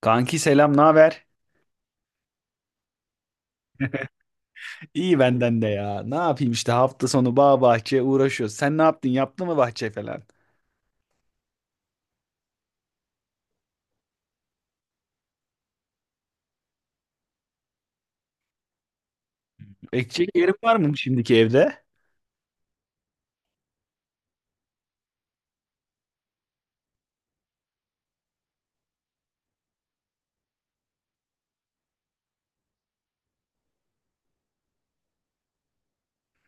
Kanki selam, ne haber? İyi benden de ya. Ne yapayım işte hafta sonu bağ bahçe uğraşıyoruz. Sen ne yaptın? Yaptın mı bahçe falan? Ekecek yerin var mı şimdiki evde?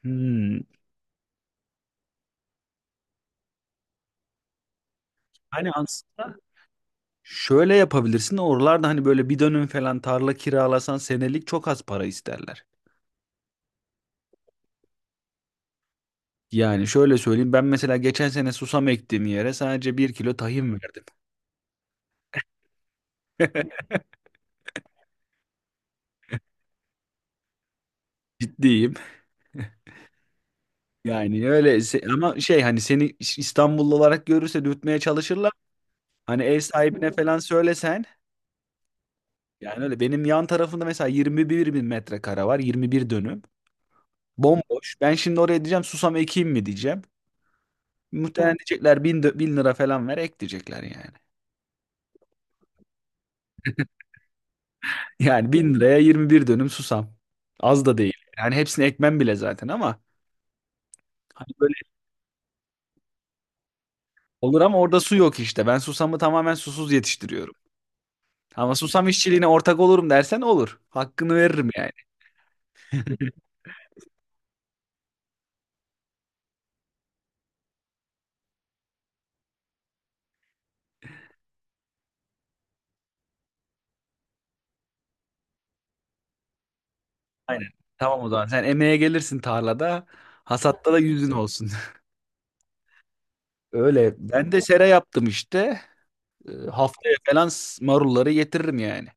Hmm. Hani aslında şöyle yapabilirsin. Oralarda hani böyle bir dönüm falan tarla kiralasan senelik çok az para isterler. Yani şöyle söyleyeyim. Ben mesela geçen sene susam ektiğim yere sadece 1 kilo tahin verdim. Ciddiyim. Yani öyle ama şey hani seni İstanbullu olarak görürse dürtmeye çalışırlar. Hani ev sahibine falan söylesen. Yani öyle benim yan tarafımda mesela 21 bin metrekare var. 21 dönüm. Bomboş. Ben şimdi oraya diyeceğim susam ekeyim mi diyeceğim. Muhtemelen diyecekler bin lira falan ver ek diyecekler yani. Yani 1.000 liraya 21 dönüm susam. Az da değil. Yani hepsini ekmem bile zaten ama hani böyle olur, ama orada su yok işte. Ben susamı tamamen susuz yetiştiriyorum. Ama susam işçiliğine ortak olurum dersen olur. Hakkını veririm yani. Aynen. Tamam, o zaman sen emeğe gelirsin tarlada. Hasatta da yüzün olsun. Öyle. Ben de sera yaptım işte. E, haftaya falan marulları getiririm yani.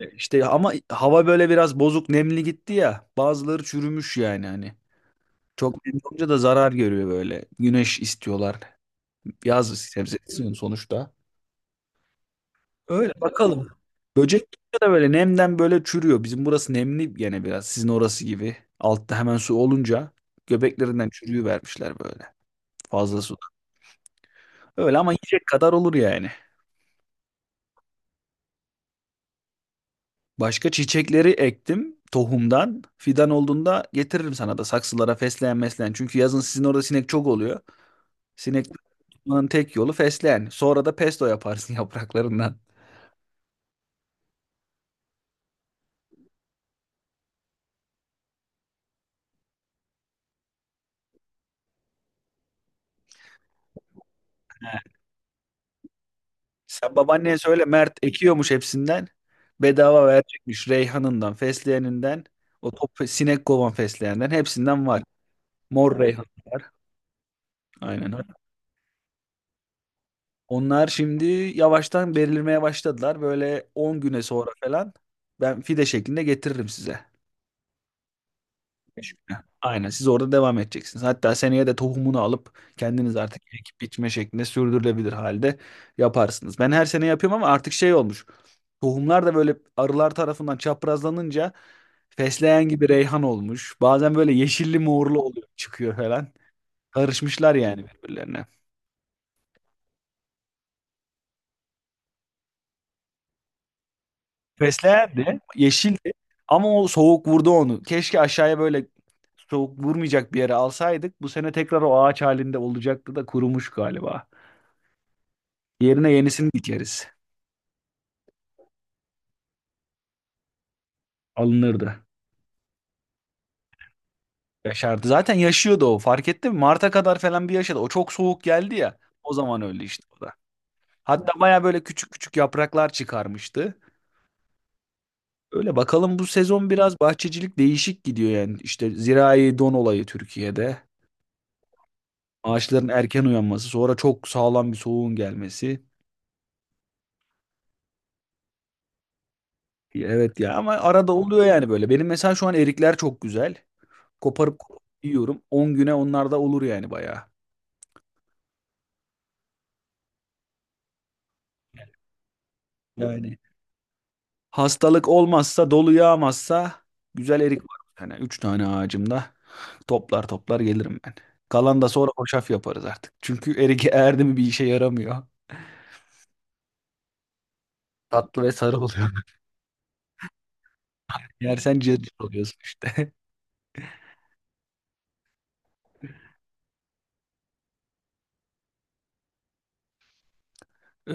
E, İşte ama hava böyle biraz bozuk nemli gitti ya. Bazıları çürümüş yani hani. Çok nemli olunca da zarar görüyor böyle. Güneş istiyorlar. Yaz sebzesi sonuçta. Öyle bakalım. Böcek de böyle nemden böyle çürüyor. Bizim burası nemli gene biraz. Sizin orası gibi. Altta hemen su olunca göbeklerinden çürüyü vermişler böyle. Fazla su. Öyle ama yiyecek kadar olur yani. Başka çiçekleri ektim tohumdan. Fidan olduğunda getiririm sana da saksılara fesleğen mesleğen. Çünkü yazın sizin orada sinek çok oluyor. Sinek tutmanın tek yolu fesleğen. Sonra da pesto yaparsın yapraklarından. He. Sen babaanneye söyle Mert ekiyormuş hepsinden. Bedava verecekmiş reyhanından, fesleğeninden, o top sinek kovan fesleğenden hepsinden var. Mor reyhan. Aynen öyle. Onlar şimdi yavaştan belirmeye başladılar. Böyle 10 güne sonra falan ben fide şeklinde getiririm size. 5 güne. Aynen, siz orada devam edeceksiniz. Hatta seneye de tohumunu alıp kendiniz artık ekip biçme şeklinde sürdürülebilir halde yaparsınız. Ben her sene yapıyorum ama artık şey olmuş. Tohumlar da böyle arılar tarafından çaprazlanınca fesleğen gibi reyhan olmuş. Bazen böyle yeşilli morlu oluyor çıkıyor falan. Karışmışlar yani birbirlerine. Fesleğen de yeşildi ama o soğuk vurdu onu. Keşke aşağıya böyle soğuk vurmayacak bir yere alsaydık. Bu sene tekrar o ağaç halinde olacaktı da kurumuş galiba. Yerine yenisini dikeriz. Alınırdı. Yaşardı. Zaten yaşıyordu o. Fark ettin mi? Mart'a kadar falan bir yaşadı. O çok soğuk geldi ya. O zaman öyle işte, o da. Hatta baya böyle küçük küçük yapraklar çıkarmıştı. Öyle bakalım, bu sezon biraz bahçecilik değişik gidiyor yani. İşte zirai don olayı Türkiye'de. Ağaçların erken uyanması, sonra çok sağlam bir soğuğun gelmesi. Evet ya, ama arada oluyor yani böyle. Benim mesela şu an erikler çok güzel. Koparıp koparıp yiyorum. 10 güne onlar da olur yani bayağı. Yani hastalık olmazsa, dolu yağmazsa güzel erik var. Yani 3 tane ağacımda toplar toplar gelirim ben. Kalan da sonra hoşaf yaparız artık. Çünkü erik erdi mi bir işe yaramıyor. Tatlı ve sarı oluyor. Yersen cırcır oluyorsun işte. Ee,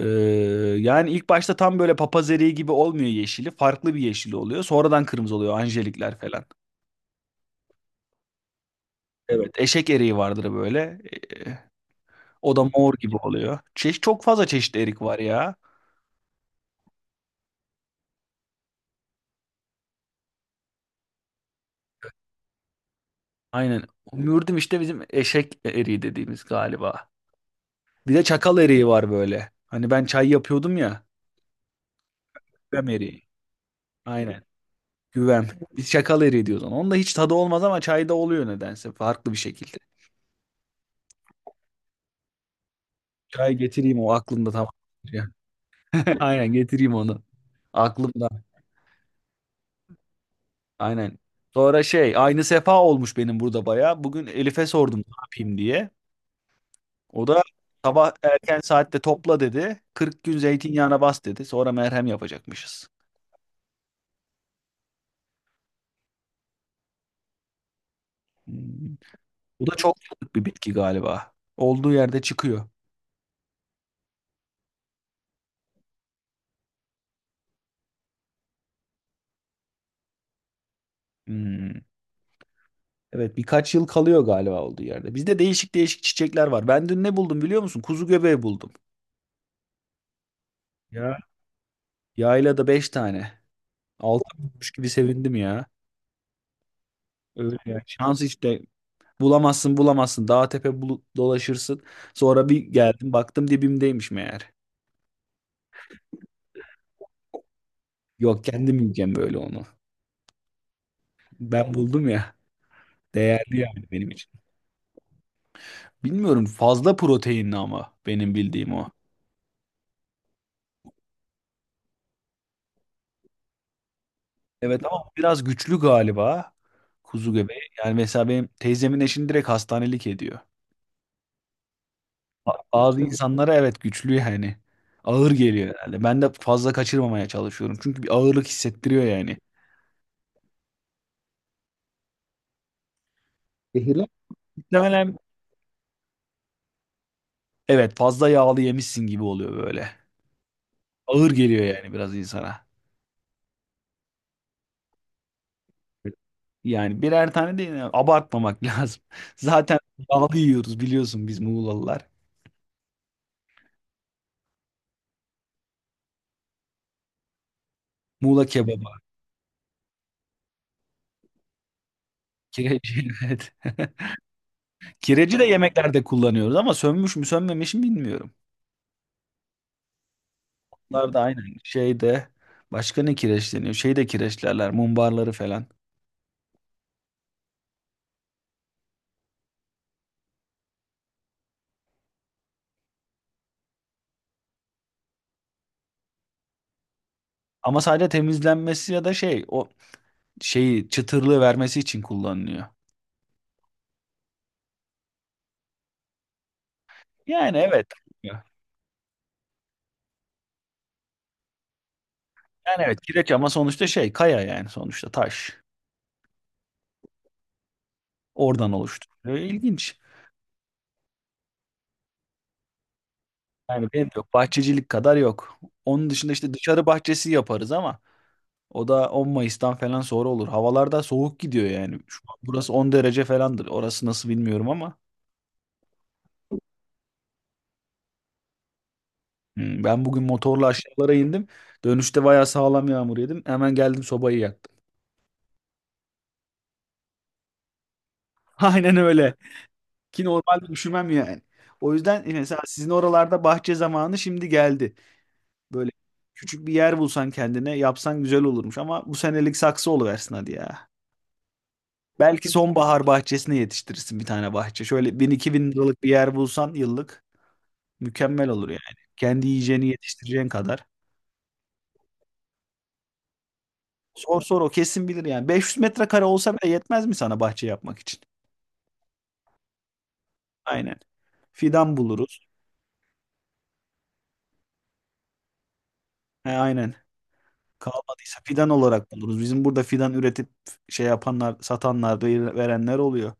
yani ilk başta tam böyle papaz eriği gibi olmuyor yeşili. Farklı bir yeşili oluyor. Sonradan kırmızı oluyor. Anjelikler falan. Evet, eşek eriği vardır böyle. Ee, o da mor gibi oluyor. Çok fazla çeşit erik var ya. Aynen. Mürdüm işte bizim eşek eriği dediğimiz galiba. Bir de çakal eriği var böyle. Hani ben çay yapıyordum ya. Güvem eriği. Aynen. Güvem. Biz çakal eriği diyoruz ona. Onda hiç tadı olmaz ama çayda oluyor nedense. Farklı bir şekilde. Çay getireyim, o aklımda, tamam. Aynen, getireyim onu. Aklımda. Aynen. Sonra şey aynı sefa olmuş benim burada baya. Bugün Elif'e sordum ne yapayım diye. O da sabah erken saatte topla dedi. 40 gün zeytinyağına bas dedi. Sonra merhem yapacakmışız. Hmm. Bu da çok yıllık bir bitki galiba. Olduğu yerde çıkıyor. Hmm. Evet, birkaç yıl kalıyor galiba olduğu yerde. Bizde değişik değişik çiçekler var. Ben dün ne buldum biliyor musun? Kuzu göbeği buldum. Ya. Yaylada 5 tane. 6 bulmuş gibi sevindim ya. Öyle ya. Şans işte. Bulamazsın bulamazsın. Dağ tepe dolaşırsın. Sonra bir geldim baktım dibimdeymiş meğer. Yok, kendim yiyeceğim böyle onu. Ben buldum ya. Değerli yani benim için. Bilmiyorum, fazla proteinli ama benim bildiğim o. Evet ama biraz güçlü galiba kuzu göbeği. Yani mesela benim teyzemin eşini direkt hastanelik ediyor. Bazı insanlara evet güçlü yani. Ağır geliyor herhalde. Ben de fazla kaçırmamaya çalışıyorum. Çünkü bir ağırlık hissettiriyor yani. Zehirler. Muhtemelen evet, fazla yağlı yemişsin gibi oluyor böyle. Ağır geliyor yani biraz insana. Yani birer tane değil yani, abartmamak lazım. Zaten yağlı yiyoruz biliyorsun biz Muğlalılar. Muğla kebabı, kireci evet. Kireci de yemeklerde kullanıyoruz ama sönmüş mü sönmemiş mi bilmiyorum. Bunlar da aynen şeyde başka ne kireç deniyor? Şey de kireçlerler, mumbarları falan. Ama sadece temizlenmesi ya da şey o şeyi çıtırlığı vermesi için kullanılıyor. Yani evet. Yani evet kireç, ama sonuçta şey kaya yani, sonuçta taş. Oradan oluştu. Böyle İlginç. Yani benim de yok. Bahçecilik kadar yok. Onun dışında işte dışarı bahçesi yaparız ama o da 10 Mayıs'tan falan sonra olur. Havalarda soğuk gidiyor yani. Şu an burası 10 derece falandır. Orası nasıl bilmiyorum ama. Ben bugün motorla aşağılara indim. Dönüşte bayağı sağlam yağmur yedim. Hemen geldim sobayı yaktım. Aynen öyle. Ki normalde üşümem yani. O yüzden mesela sizin oralarda bahçe zamanı şimdi geldi. Böyle küçük bir yer bulsan kendine yapsan güzel olurmuş. Ama bu senelik saksı oluversin hadi ya. Belki sonbahar bahçesine yetiştirirsin bir tane bahçe. Şöyle bin iki bin liralık bir yer bulsan yıllık. Mükemmel olur yani. Kendi yiyeceğini yetiştireceğin kadar. Sor sor, o kesin bilir yani. 500 metrekare olsa bile yetmez mi sana bahçe yapmak için? Aynen. Fidan buluruz. He, aynen. Kalmadıysa fidan olarak buluruz. Bizim burada fidan üretip şey yapanlar, satanlar, verenler oluyor.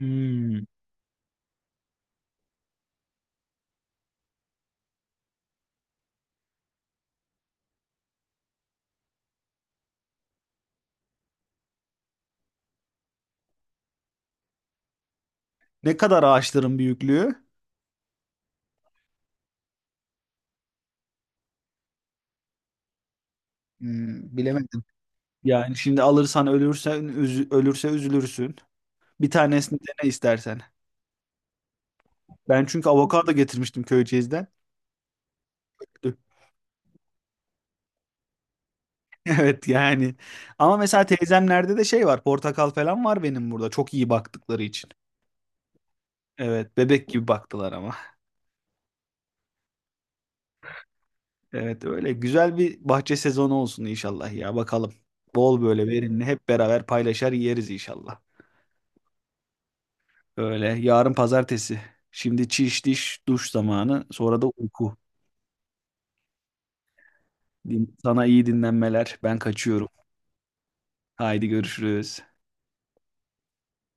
Hmm. Ne kadar ağaçların büyüklüğü? Bilemedim. Yani şimdi alırsan ölürse üzülürsün. Bir tanesini dene istersen. Ben çünkü avokado getirmiştim Köyceğiz'den. Evet yani. Ama mesela teyzemlerde de şey var. Portakal falan var benim burada. Çok iyi baktıkları için. Evet, bebek gibi baktılar ama. Evet, öyle güzel bir bahçe sezonu olsun inşallah ya, bakalım. Bol böyle verimli hep beraber paylaşar yeriz inşallah. Öyle, yarın pazartesi. Şimdi çiş diş duş zamanı, sonra da uyku. Sana iyi dinlenmeler. Ben kaçıyorum. Haydi görüşürüz.